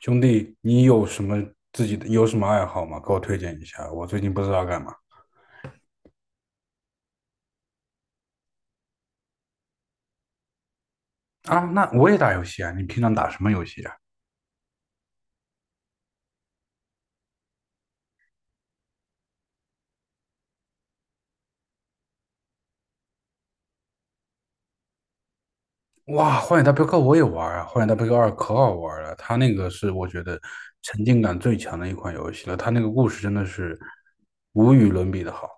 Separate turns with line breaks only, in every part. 兄弟，你有什么自己的有什么爱好吗？给我推荐一下，我最近不知道干嘛啊。那我也打游戏啊，你平常打什么游戏啊？哇，《荒野大镖客》我也玩啊，《荒野大镖客二》可好玩了，它那个是我觉得沉浸感最强的一款游戏了，它那个故事真的是无与伦比的好。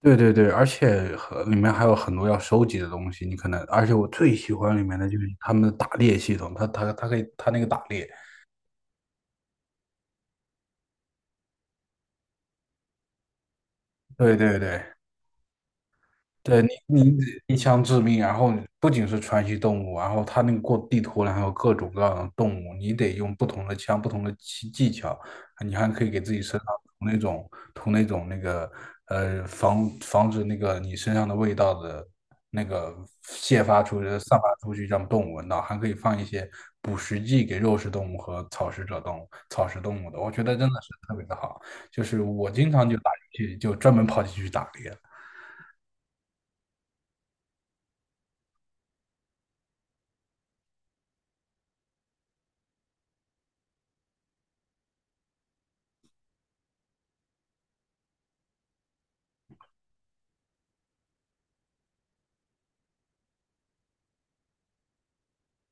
对对对，而且和里面还有很多要收集的东西，你可能，而且我最喜欢里面的就是他们的打猎系统，它可以它那个打猎，对对对，对你一枪致命，然后不仅是传奇动物，然后它那个过地图然后有各种各样的动物，你得用不同的枪、不同的技巧，你还可以给自己身上涂那种涂那种防止你身上的味道的那个泄发出去、散发出去，让动物闻到，还可以放一些捕食剂给肉食动物和草食动物的，我觉得真的是特别的好，就是我经常就打游戏就专门跑进去打猎。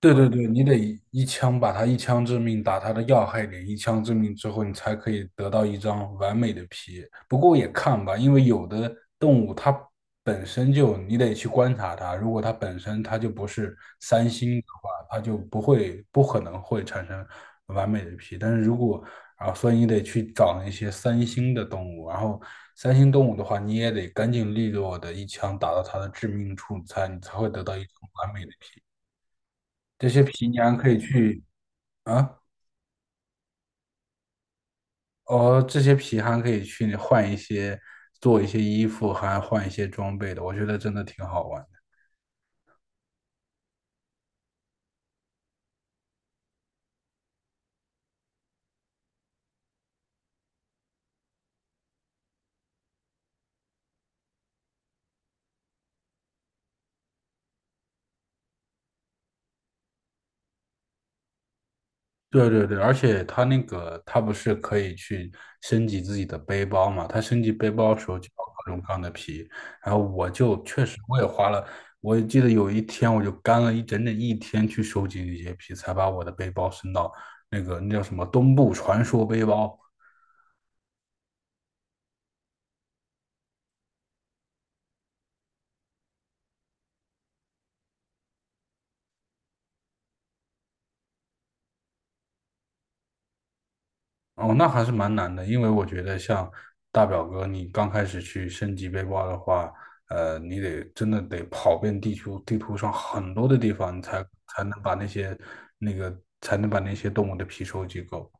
对对对，你得一枪致命，打它的要害点，一枪致命之后，你才可以得到一张完美的皮。不过也看吧，因为有的动物它本身就，你得去观察它，如果它本身就不是三星的话，它就不可能会产生完美的皮。但是如果啊，所以你得去找那些三星的动物，然后三星动物的话，你也得干净利落的一枪打到它的致命处你才会得到一张完美的皮。这些皮你还可以去啊，哦，这些皮还可以去换一些，做一些衣服，还换一些装备的，我觉得真的挺好玩的。对对对，而且它那个它不是可以去升级自己的背包嘛？它升级背包的时候就要各种各样的皮，然后我就确实我也花了，我记得有一天我就干了整一天去收集那些皮，才把我的背包升到那个那叫什么东部传说背包。哦，那还是蛮难的，因为我觉得像大表哥，你刚开始去升级背包的话，你得真的得跑遍地球地图上很多的地方，你才能把那些动物的皮收集够。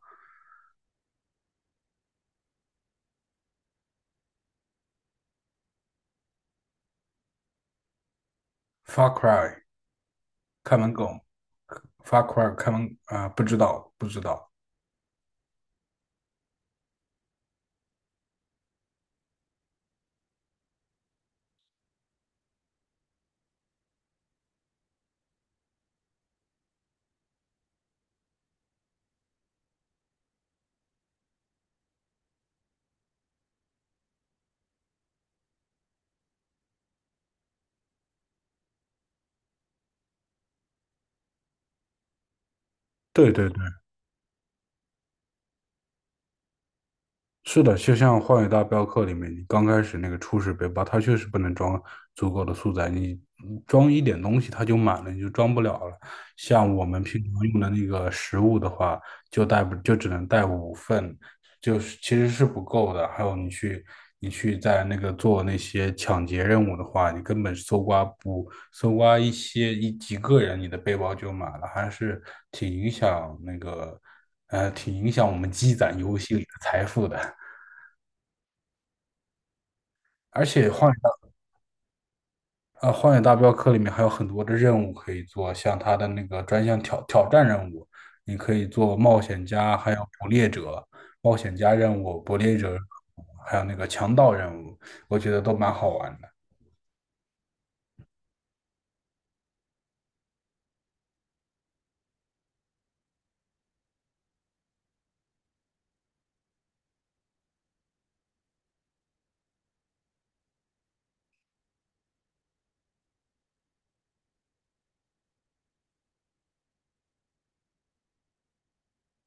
Far Cry 看门狗，Far Cry 看门啊、不知道不知道，对对对，是的，就像《荒野大镖客》里面，你刚开始那个初始背包，它确实不能装足够的素材，你装一点东西它就满了，你就装不了了。像我们平常用的那个食物的话，就带不就只能带五份，就是其实是不够的。还有你去在那个做那些抢劫任务的话，你根本搜刮不搜刮一些一几个人，你的背包就满了，还是挺影响那个挺影响我们积攒游戏里的财富的。而且《荒野大镖客》里面还有很多的任务可以做，像它的那个专项挑战任务，你可以做冒险家，还有捕猎者、冒险家任务、捕猎者，还有那个强盗任务，我觉得都蛮好玩的。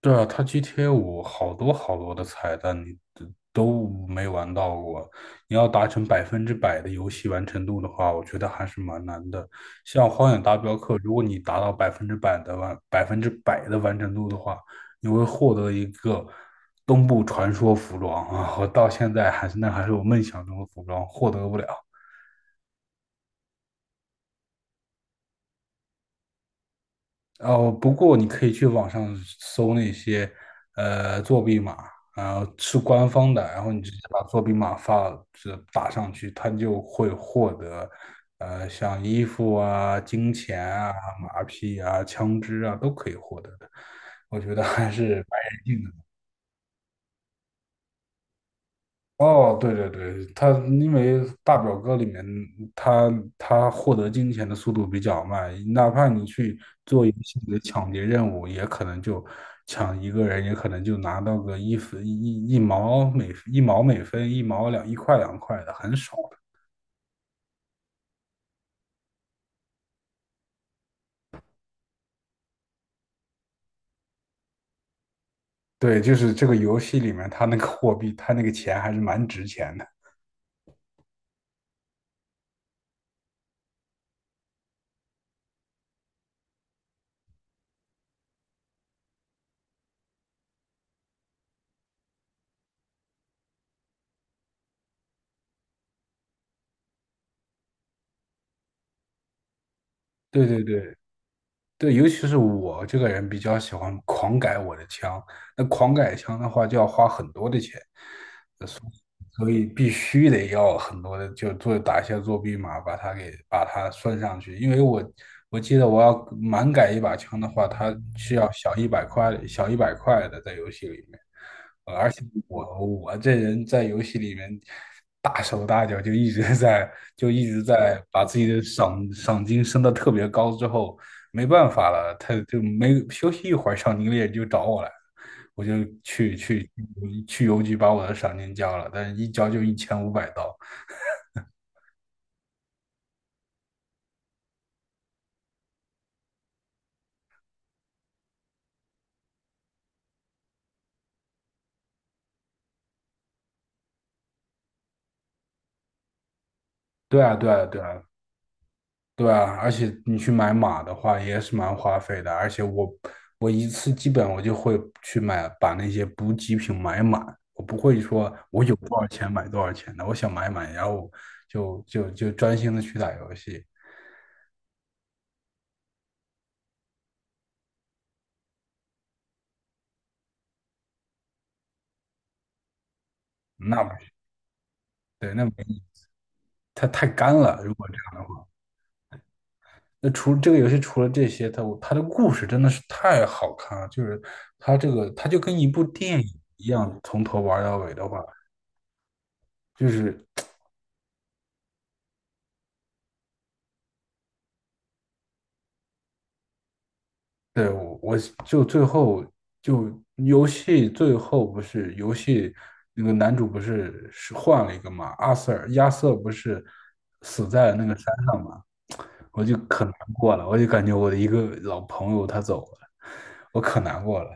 对啊，它 GTA 五好多好多的彩蛋你都没玩到过。你要达成百分之百的游戏完成度的话，我觉得还是蛮难的。像《荒野大镖客》，如果你达到百分之百的完成度的话，你会获得一个东部传说服装啊！我到现在还是我梦想中的服装，获得不了。哦，不过你可以去网上搜那些作弊码，然后是官方的，然后你直接把作弊码打上去，它就会获得像衣服啊、金钱啊、马匹啊、枪支啊都可以获得的。我觉得还是蛮人性的。哦，对对对，他因为大表哥里面他他获得金钱的速度比较慢，哪怕你去做一系列抢劫任务，也可能就抢一个人，也可能就拿到个一分一毛每分一毛两一块两块的，很少的。对，就是这个游戏里面，他那个货币，他那个钱还是蛮值钱的。对对对对，尤其是我这个人比较喜欢狂改我的枪，那狂改枪的话就要花很多的钱。所以必须得要很多的，就打一些作弊码，把它算上去。因为我记得我要满改一把枪的话，它需要小一百块，小一百块的在游戏里面。而且我这人在游戏里面大手大脚，就一直在把自己的赏金升的特别高之后，没办法了，他就没休息一会儿，赏金猎人就找我来。我就去去去邮局把我的赏金交了，但是一交就一千五百刀。对啊，对啊，对啊，对啊，而且你去买马的话也是蛮花费的，而且我一次基本我就会去买把那些补给品买满，我不会说我有多少钱买多少钱的，我想买满，然后就专心的去打游戏，那不是对，那没意义它太干了，如果这样的话。那这个游戏除了这些，它的故事真的是太好看了，就是它这个就跟一部电影一样，从头玩到尾的话，就是对我就最后就游戏最后不是游戏那个男主不是换了一个嘛，阿瑟尔亚瑟不是死在那个山上嘛，我就可难过了，我就感觉我的一个老朋友他走了，我可难过了。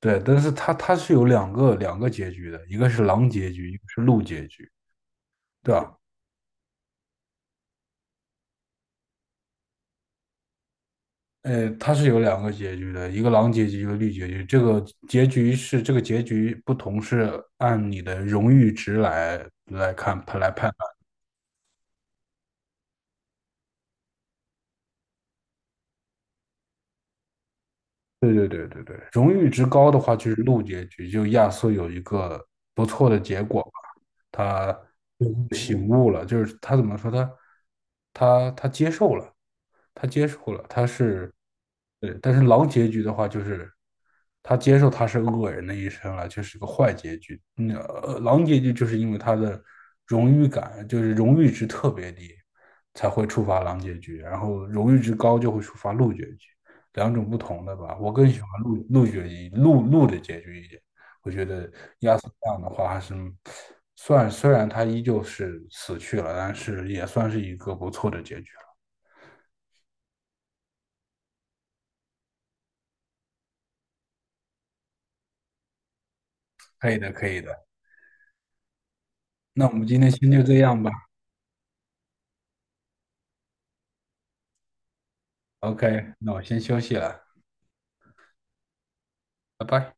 对，但是它是有两个结局的，一个是狼结局，一个是鹿结局，对吧？它是有两个结局的，一个狼结局，一个绿结局。这个结局不同，是按你的荣誉值来看来判。对对对对对，荣誉值高的话就是路结局，就亚瑟有一个不错的结果吧，他最后醒悟了，就是他怎么说他接受了，他接受了，他是对，但是狼结局的话就是他接受他是恶人的一生了，就是个坏结局。嗯，狼结局就是因为他的荣誉感，就是荣誉值特别低，才会触发狼结局，然后荣誉值高就会触发鹿结局。两种不同的吧。我更喜欢鹿的结局一点。我觉得亚瑟这样的话还是算，虽然他依旧是死去了，但是也算是一个不错的结局了。可以的，可以的。那我们今天先就这样吧。OK，那我先休息了，拜拜。